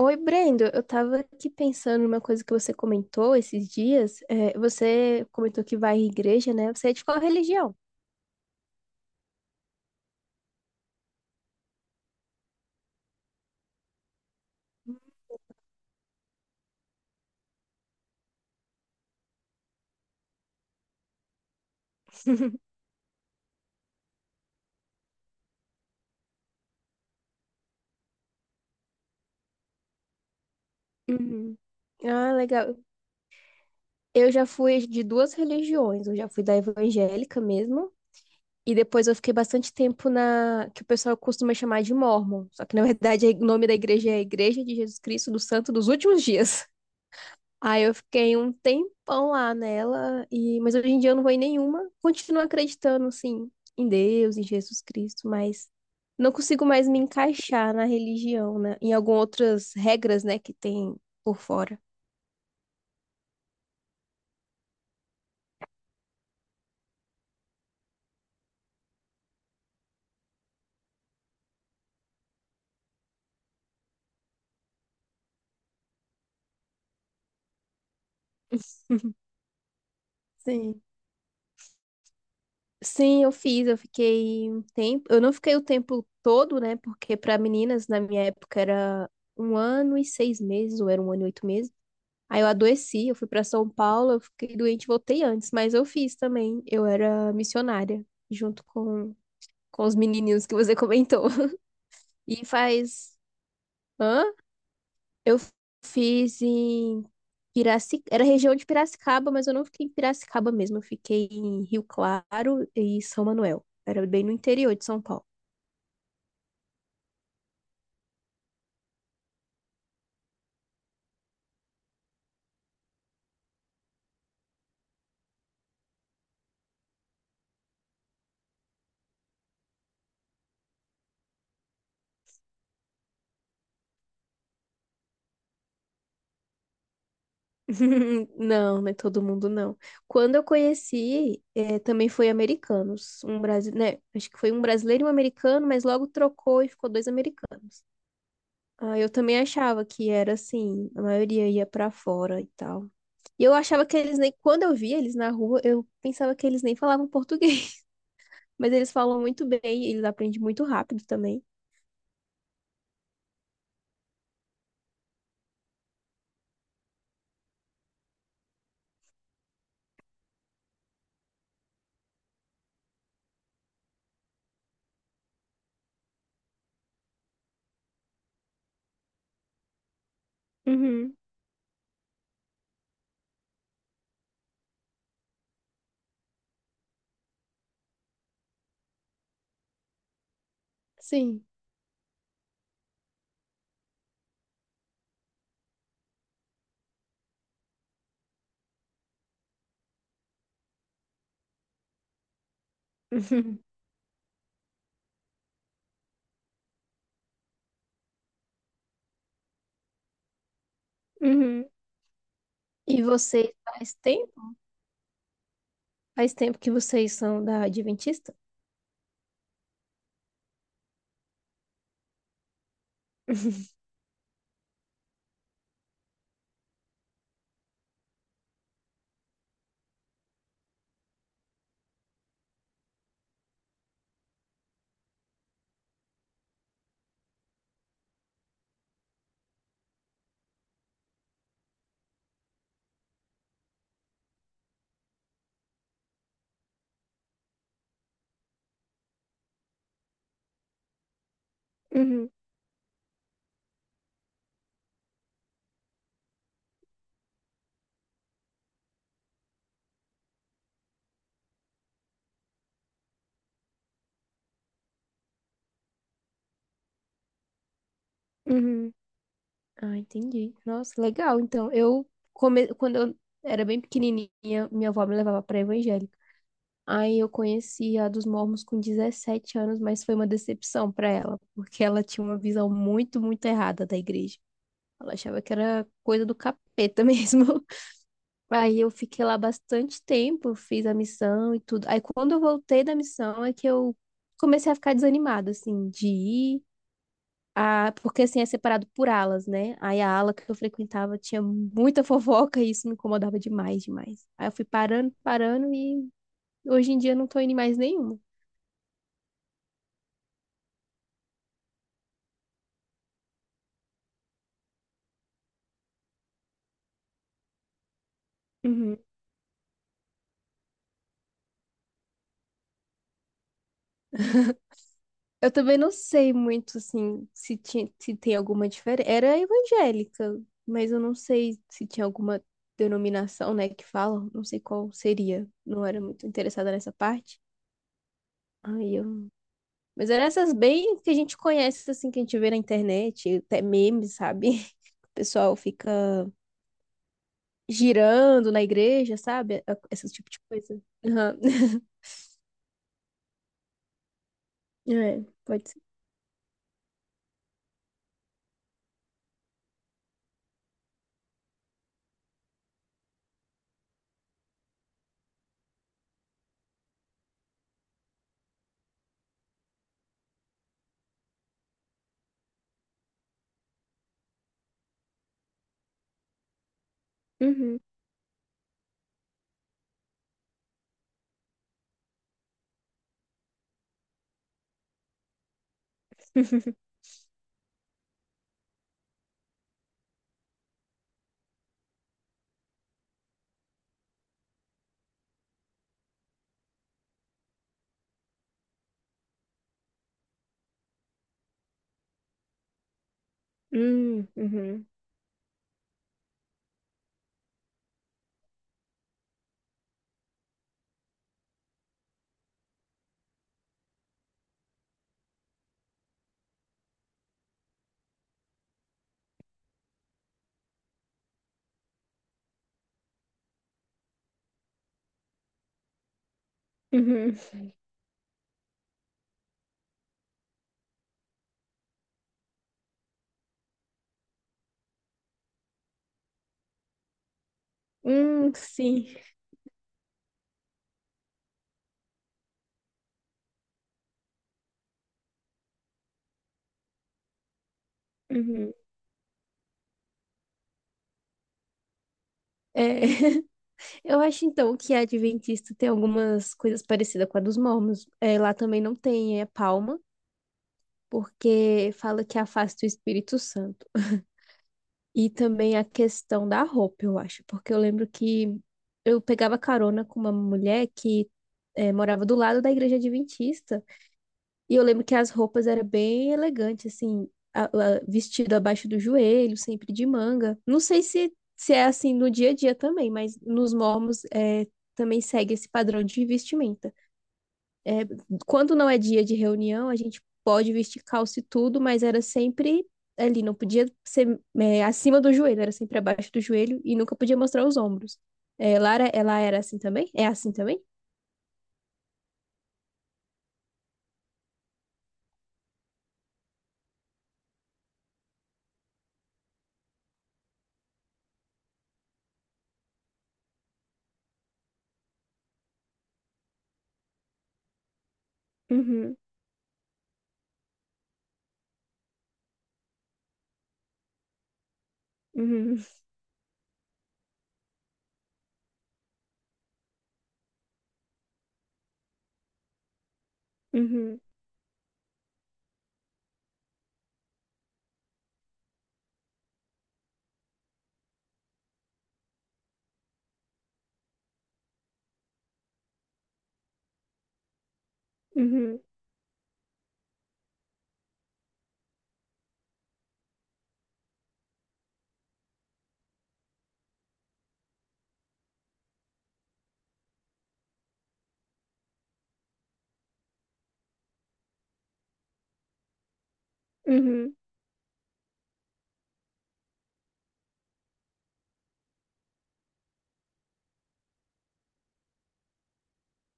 Oi, Brendo. Eu tava aqui pensando numa coisa que você comentou esses dias. Você comentou que vai à igreja, né? Você é de qual religião? Uhum. Ah, legal. Eu já fui de duas religiões. Eu já fui da evangélica mesmo. E depois eu fiquei bastante tempo na que o pessoal costuma chamar de mórmon. Só que na verdade o nome da igreja é Igreja de Jesus Cristo dos Santos dos Últimos Dias. Aí eu fiquei um tempão lá nela, e mas hoje em dia eu não vou em nenhuma. Continuo acreditando, assim, em Deus, em Jesus Cristo, mas não consigo mais me encaixar na religião, né? Em algumas outras regras, né, que tem por fora. Sim. Sim, eu fiz, eu fiquei um tempo. Eu não fiquei o tempo todo, né? Porque para meninas, na minha época, era um ano e seis meses, ou era um ano e oito meses. Aí eu adoeci, eu fui pra São Paulo, eu fiquei doente, e voltei antes, mas eu fiz também. Eu era missionária, junto com, com os menininhos que você comentou. E faz. Hã? Eu fiz em Piraci... Era região de Piracicaba, mas eu não fiquei em Piracicaba mesmo. Eu fiquei em Rio Claro e São Manuel. Era bem no interior de São Paulo. Não, não é todo mundo, não. Quando eu conheci, também foi americanos. Um Brasi... né? Acho que foi um brasileiro e um americano, mas logo trocou e ficou dois americanos. Ah, eu também achava que era assim, a maioria ia pra fora e tal. E eu achava que eles nem, quando eu via eles na rua, eu pensava que eles nem falavam português. Mas eles falam muito bem, eles aprendem muito rápido também. Uhum, sim. Uhum. Uhum. E vocês faz tempo? Faz tempo que vocês são da Adventista? Uhum, uhum. Ah, entendi. Nossa, legal. Então, eu come... quando eu era bem pequenininha, minha avó me levava para evangélica. Aí eu conheci a dos mormons com 17 anos, mas foi uma decepção para ela, porque ela tinha uma visão muito, muito errada da igreja. Ela achava que era coisa do capeta mesmo. Aí eu fiquei lá bastante tempo, fiz a missão e tudo. Aí quando eu voltei da missão é que eu comecei a ficar desanimada, assim, de ir. Ah, porque assim é separado por alas, né? Aí a ala que eu frequentava tinha muita fofoca e isso me incomodava demais, demais. Aí eu fui parando, parando e hoje em dia eu não tô indo em mais nenhuma. Uhum. Eu também não sei muito assim se tinha, se tem alguma diferença. Era evangélica, mas eu não sei se tinha alguma denominação, né, que falam, não sei qual seria. Não era muito interessada nessa parte. Aí eu... Mas eram essas bem que a gente conhece, assim, que a gente vê na internet, até memes, sabe? O pessoal fica girando na igreja, sabe? Esse tipo de coisa. Aham. É, pode ser. Uhum. Uhum. Uhum. Sim. Uhum. É, eu acho então que a Adventista tem algumas coisas parecidas com a dos mormons. É, lá também não tem palma, porque fala que afasta o Espírito Santo. E também a questão da roupa, eu acho, porque eu lembro que eu pegava carona com uma mulher que morava do lado da igreja adventista, e eu lembro que as roupas eram bem elegantes, assim, vestido abaixo do joelho, sempre de manga. Não sei se, se é assim no dia a dia também, mas nos mormons também segue esse padrão de vestimenta. é, Quando não é dia de reunião, a gente pode vestir calça e tudo, mas era sempre ali, não podia ser acima do joelho, era sempre abaixo do joelho e nunca podia mostrar os ombros. É, Lara, ela era assim também? É assim também? Uhum, uhum, uhum, uhum, uhum.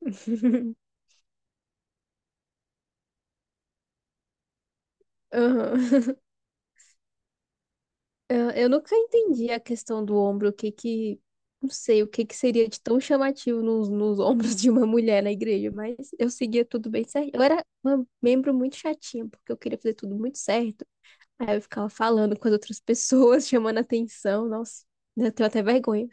Aham. Eu nunca entendi a questão do ombro, o que que, não sei, o que que seria de tão chamativo nos, nos ombros de uma mulher na igreja, mas eu seguia tudo bem certo. Eu era uma membro muito chatinha, porque eu queria fazer tudo muito certo. Aí eu ficava falando com as outras pessoas, chamando atenção, nossa, eu tenho até vergonha.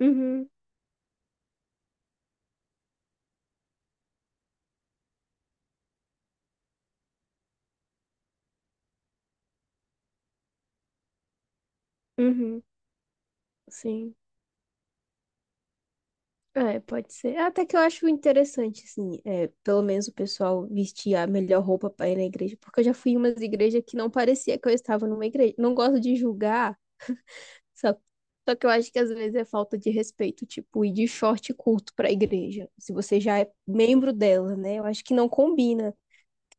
Uhum, uhum, sim. É, pode ser. Até que eu acho interessante, assim, pelo menos o pessoal vestir a melhor roupa para ir na igreja, porque eu já fui em umas igrejas que não parecia que eu estava numa igreja. Não gosto de julgar, só, só que eu acho que às vezes é falta de respeito, tipo, ir de short curto para a igreja, se você já é membro dela, né? Eu acho que não combina.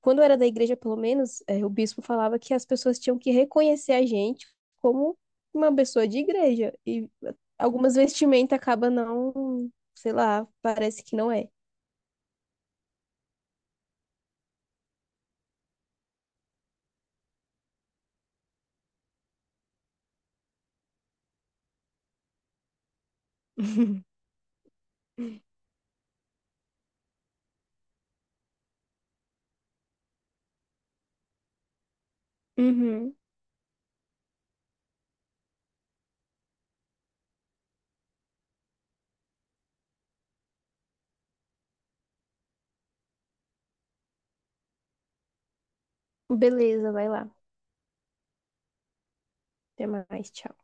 Quando eu era da igreja, pelo menos, é, o bispo falava que as pessoas tinham que reconhecer a gente como uma pessoa de igreja. E algumas vestimenta acaba não, sei lá, parece que não é. Uhum. Beleza, vai lá. Até mais, tchau.